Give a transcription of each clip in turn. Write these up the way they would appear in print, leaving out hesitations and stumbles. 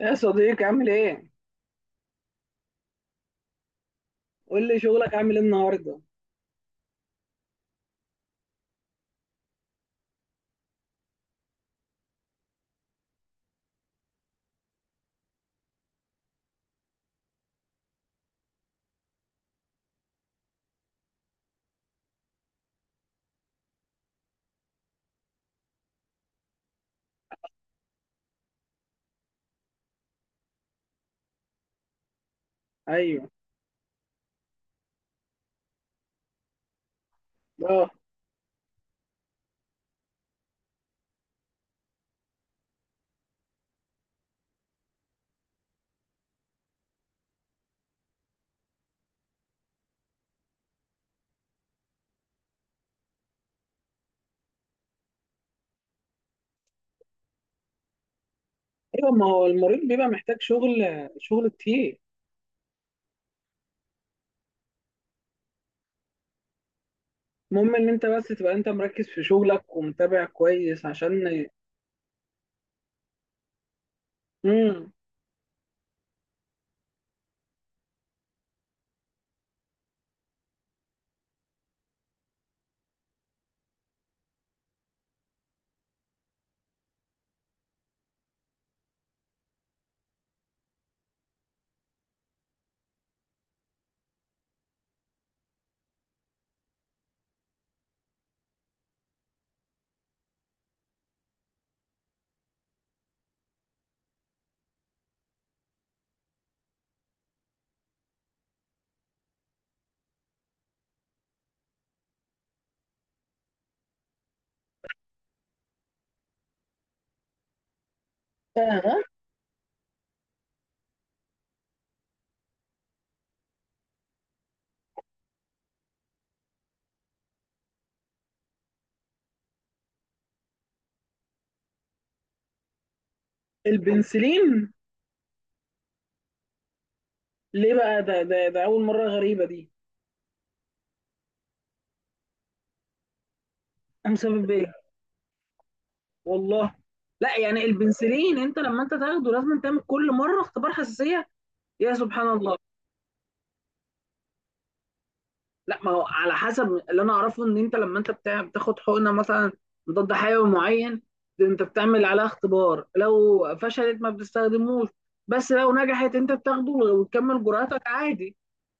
يا صديقي عامل ايه؟ قول لي شغلك عامل ايه النهارده؟ ايوه، اه، ايوه. ما هو المريض بيبقى محتاج شغل، شغل كتير. المهم ان انت بس تبقى انت مركز في شغلك ومتابع كويس عشان امم آه. البنسلين ليه بقى؟ ده اول مره غريبه دي. أنا مسبب ايه؟ والله. لا، يعني البنسلين انت لما انت تاخده لازم تعمل كل مره اختبار حساسيه. يا سبحان الله. لا، ما هو على حسب اللي انا اعرفه ان انت لما انت بتاخد حقنه مثلا ضد حيوي معين، ده انت بتعمل عليها اختبار، لو فشلت ما بتستخدموش، بس لو نجحت انت بتاخده وتكمل جرعتك عادي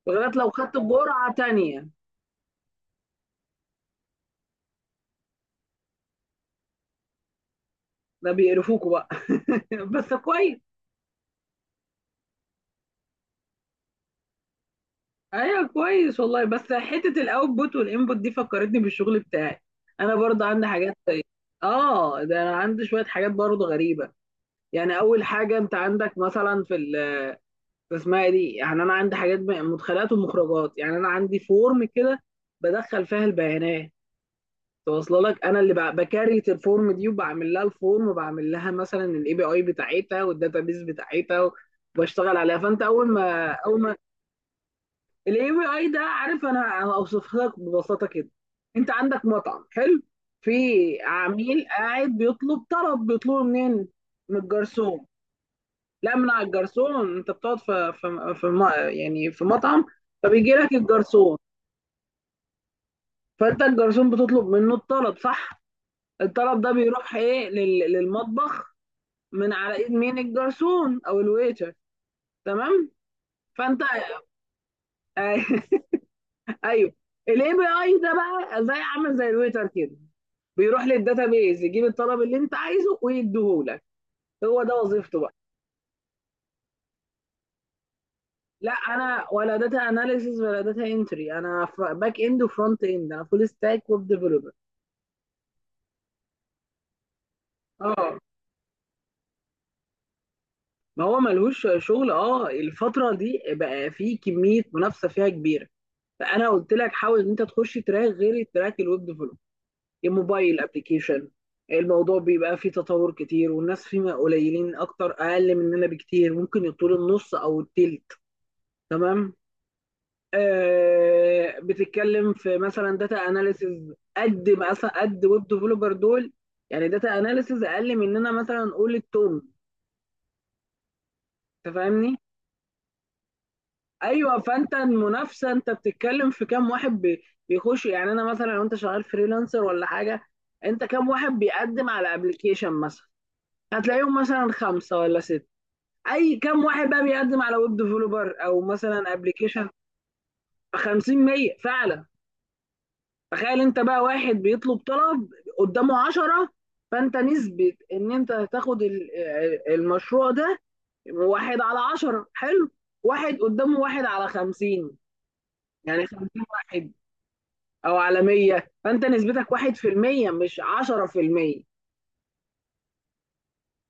لغايه لو خدت جرعه تانية. ده بيقرفوكوا بقى بس كويس. ايوه، كويس، والله. بس حته الاوتبوت والانبوت دي فكرتني بالشغل بتاعي. انا برضه عندي اه، ده انا عندي شويه حاجات برضه غريبه. يعني اول حاجه انت عندك مثلا في اسمها ايه دي. يعني انا عندي حاجات مدخلات ومخرجات. يعني انا عندي فورم كده بدخل فيها البيانات توصل لك. انا اللي بكريت الفورم دي وبعمل لها الفورم وبعمل لها مثلا الاي بي اي بتاعتها والداتابيز بتاعتها وبشتغل عليها. فانت اول ما الاي بي اي ده، عارف، انا اوصف لك ببساطه كده. انت عندك مطعم حلو، في عميل قاعد بيطلب طلب، بيطلبه منين؟ من الجرسون. لا، من على الجرسون. انت بتقعد يعني في مطعم، فبيجي لك الجرسون. فانت الجرسون بتطلب منه الطلب، صح؟ الطلب ده بيروح ايه للمطبخ من على ايد مين؟ الجرسون او الويتر. تمام. فانت ايوه. الاي بي اي ده بقى زي، عامل زي الويتر كده، بيروح للداتابيز يجيب الطلب اللي انت عايزه ويديهولك. هو ده وظيفته بقى. لا، انا ولا داتا اناليسيز ولا داتا انتري، انا باك اند وفرونت اند، انا فول ستاك ويب ديفلوبر. اه، ما هو ملهوش شغل. اه، الفترة دي بقى في كمية منافسة فيها كبيرة. فأنا قلت لك حاول إن أنت تخش تراك غير التراك الويب ديفلوب، الموبايل أبلكيشن. الموضوع بيبقى فيه تطور كتير والناس فيه قليلين أكتر، أقل مننا بكتير، ممكن يطول النص أو التلت. تمام. آه، بتتكلم في مثلا داتا أناليسز قد مثلا قد ويب ديفلوبر دول. يعني داتا أناليسز أقل مننا، مثلا قول التوم. أنت فاهمني؟ ايوه، فانت المنافسه انت بتتكلم في كام واحد بيخش. يعني انا مثلا لو انت شغال فريلانسر ولا حاجه، انت كام واحد بيقدم على ابلكيشن مثلا؟ هتلاقيهم مثلا خمسه ولا سته. اي كام واحد بقى بيقدم على ويب ديفلوبر او مثلا ابلكيشن؟ ب 50 100 فعلا. تخيل انت بقى، واحد بيطلب طلب قدامه 10، فانت نسبه ان انت هتاخد المشروع ده واحد على 10، حلو. واحد قدامه، واحد على 50، يعني 50 واحد، او على 100، فانت نسبتك 1% مش 10%.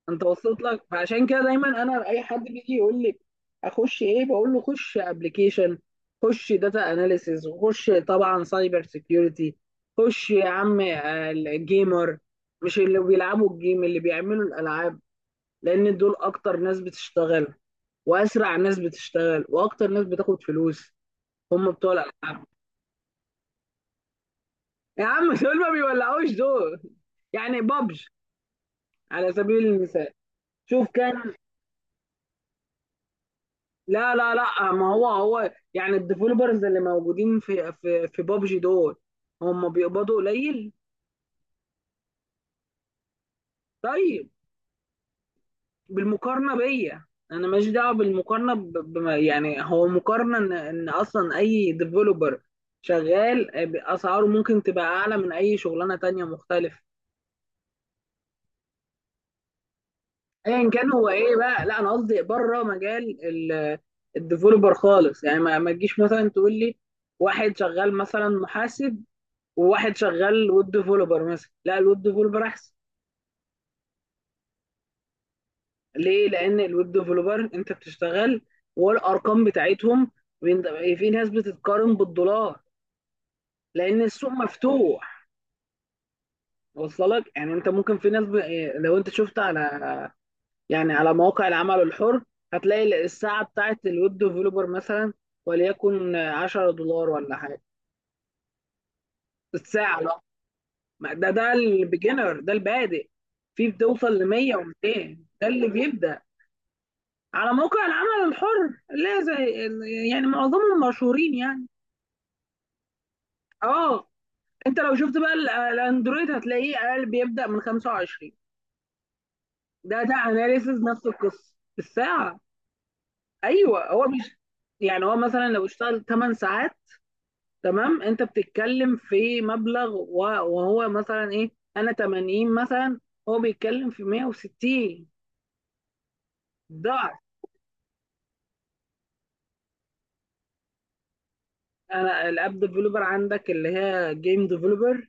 انت وصلت لك؟ فعشان كده دايما انا اي حد بيجي يقول لي اخش ايه، بقول له خش ابلكيشن، خش داتا اناليسيز، وخش طبعا سايبر سيكيورتي، خش يا عم الجيمر. مش اللي بيلعبوا الجيم، اللي بيعملوا الالعاب. لان دول اكتر ناس بتشتغل، واسرع ناس بتشتغل، واكتر ناس بتاخد فلوس، هم بتوع الالعاب. يا عم دول ما بيولعوش دول. يعني بابجي على سبيل المثال، شوف كان. لا لا لا، ما هو هو يعني الديفلوبرز اللي موجودين في بابجي دول، هم بيقبضوا قليل. طيب، بالمقارنه بيا. انا ماليش دعوه بالمقارنه ب... بما يعني هو مقارنه. ان اصلا اي ديفلوبر شغال، اسعاره ممكن تبقى اعلى من اي شغلانه تانية مختلفه. ايا كان هو ايه بقى. لا انا قصدي بره مجال الديفلوبر خالص. يعني ما تجيش مثلا تقول لي واحد شغال مثلا محاسب وواحد شغال ويب ديفلوبر مثلا، لا الويب ديفلوبر احسن. ليه؟ لان الويب ديفلوبر انت بتشتغل، والارقام بتاعتهم في ناس بتتقارن بالدولار، لان السوق مفتوح. وصل لك؟ يعني انت ممكن في ناس ب... لو انت شفت على، يعني على مواقع العمل الحر، هتلاقي الساعه بتاعت الويب ديفلوبر مثلا وليكن $10 ولا حاجه الساعه. لا، ده ده البيجنر، ده البادئ. في بتوصل ل 100 و200، ده اللي بيبدأ على موقع العمل الحر، لا زي، يعني معظمهم مشهورين يعني. اه، انت لو شفت بقى الاندرويد هتلاقيه اقل، بيبدأ من 25. ده ده اناليسز نفس القصه بالساعه. ايوه، هو مش، يعني هو مثلا لو اشتغل 8 ساعات، تمام. انت بتتكلم في وهو مثلا ايه. انا 80 مثلا، هو بيتكلم في 160، ضعف. انا الاب ديفلوبر عندك اللي هي جيم ديفلوبر،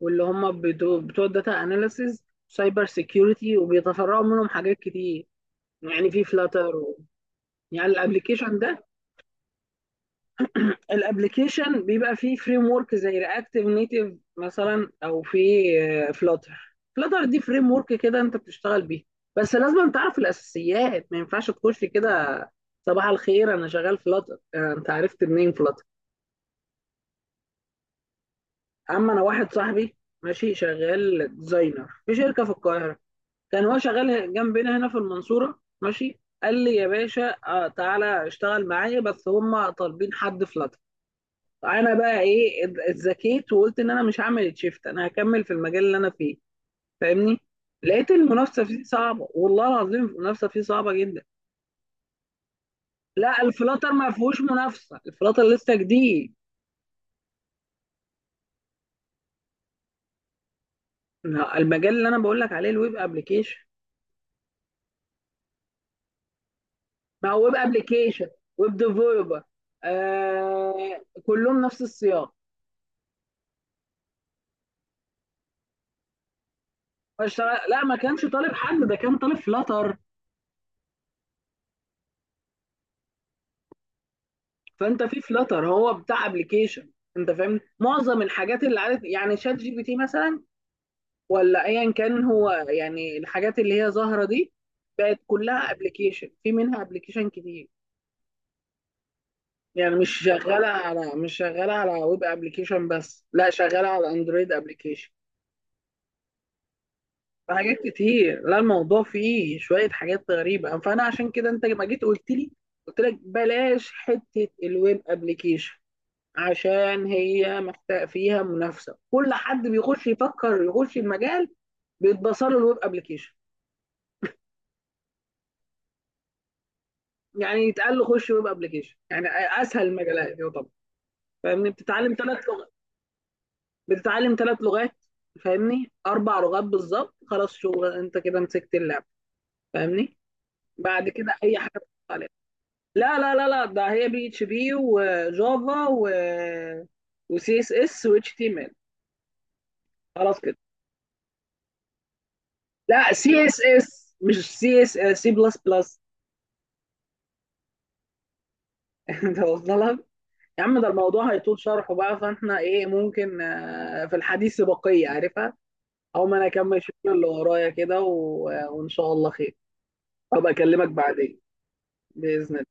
واللي هم بتوع الداتا اناليسز، سايبر سيكيورتي، وبيتفرعوا منهم حاجات كتير. يعني في فلاتر و... يعني الابلكيشن ده، الابلكيشن بيبقى فيه فريم ورك زي رياكتيف نيتيف مثلا او في فلاتر. فلاتر دي فريم ورك كده انت بتشتغل بيه، بس لازم تعرف الاساسيات، ما ينفعش تخش كده صباح الخير انا شغال فلاتر، انت عرفت منين فلاتر؟ اما انا، واحد صاحبي ماشي شغال ديزاينر في شركه في القاهره، كان هو شغال جنبنا هنا في المنصورة ماشي. قال لي يا باشا تعالى اشتغل معايا، بس هم طالبين حد فلاتر. انا بقى ايه اتذكيت وقلت ان انا مش هعمل شيفت، انا هكمل في المجال اللي انا فيه، فاهمني؟ لقيت المنافسه فيه صعبه، والله العظيم المنافسه فيه صعبه جدا. لا، الفلاتر ما فيهوش منافسه، الفلاتر لسه جديد. لا، المجال اللي انا بقول لك عليه الويب ابلكيشن. ما هو ويب ابلكيشن، ويب ديفلوبر، آه كلهم نفس السياق. اشتغل، لا ما كانش طالب حد، ده كان طالب فلاتر. فانت في فلاتر هو بتاع ابلكيشن. انت فاهم معظم الحاجات اللي عادت، يعني شات جي بي تي مثلا، ولا ايا كان، هو يعني الحاجات اللي هي ظاهره دي بقت كلها ابلكيشن، في منها ابلكيشن كتير. يعني مش شغاله على ويب ابلكيشن بس، لا شغاله على اندرويد ابلكيشن، حاجات كتير. لا الموضوع فيه شويه حاجات غريبه، فانا عشان كده انت ما جيت قلت لي، قلت لك بلاش حته الويب ابلكيشن، عشان هي محتاج فيها منافسه. كل حد بيخش يفكر يخش المجال بيتبصر له الويب ابلكيشن، يعني يتقال له خش ويب ابلكيشن، يعني اسهل المجالات يعتبر. فاهمني؟ بتتعلم 3 لغات، بتتعلم 3 لغات، فاهمني 4 لغات بالظبط، خلاص شغل انت كده مسكت اللعب. فاهمني؟ بعد كده اي حاجه بتحط عليها. لا لا لا لا، ده هي بي اتش بي وجافا وسي اس اس واتش تي ام ال، خلاص كده. لا سي اس اس مش سي اس، سي بلس بلس. انت واصله لك؟ يا عم ده الموضوع هيطول شرحه بقى. فاحنا ايه ممكن في الحديث بقية، عارفها. او ما انا اكمل شغل اللي ورايا كده و... وان شاء الله خير. ابقى اكلمك بعدين. بإذن.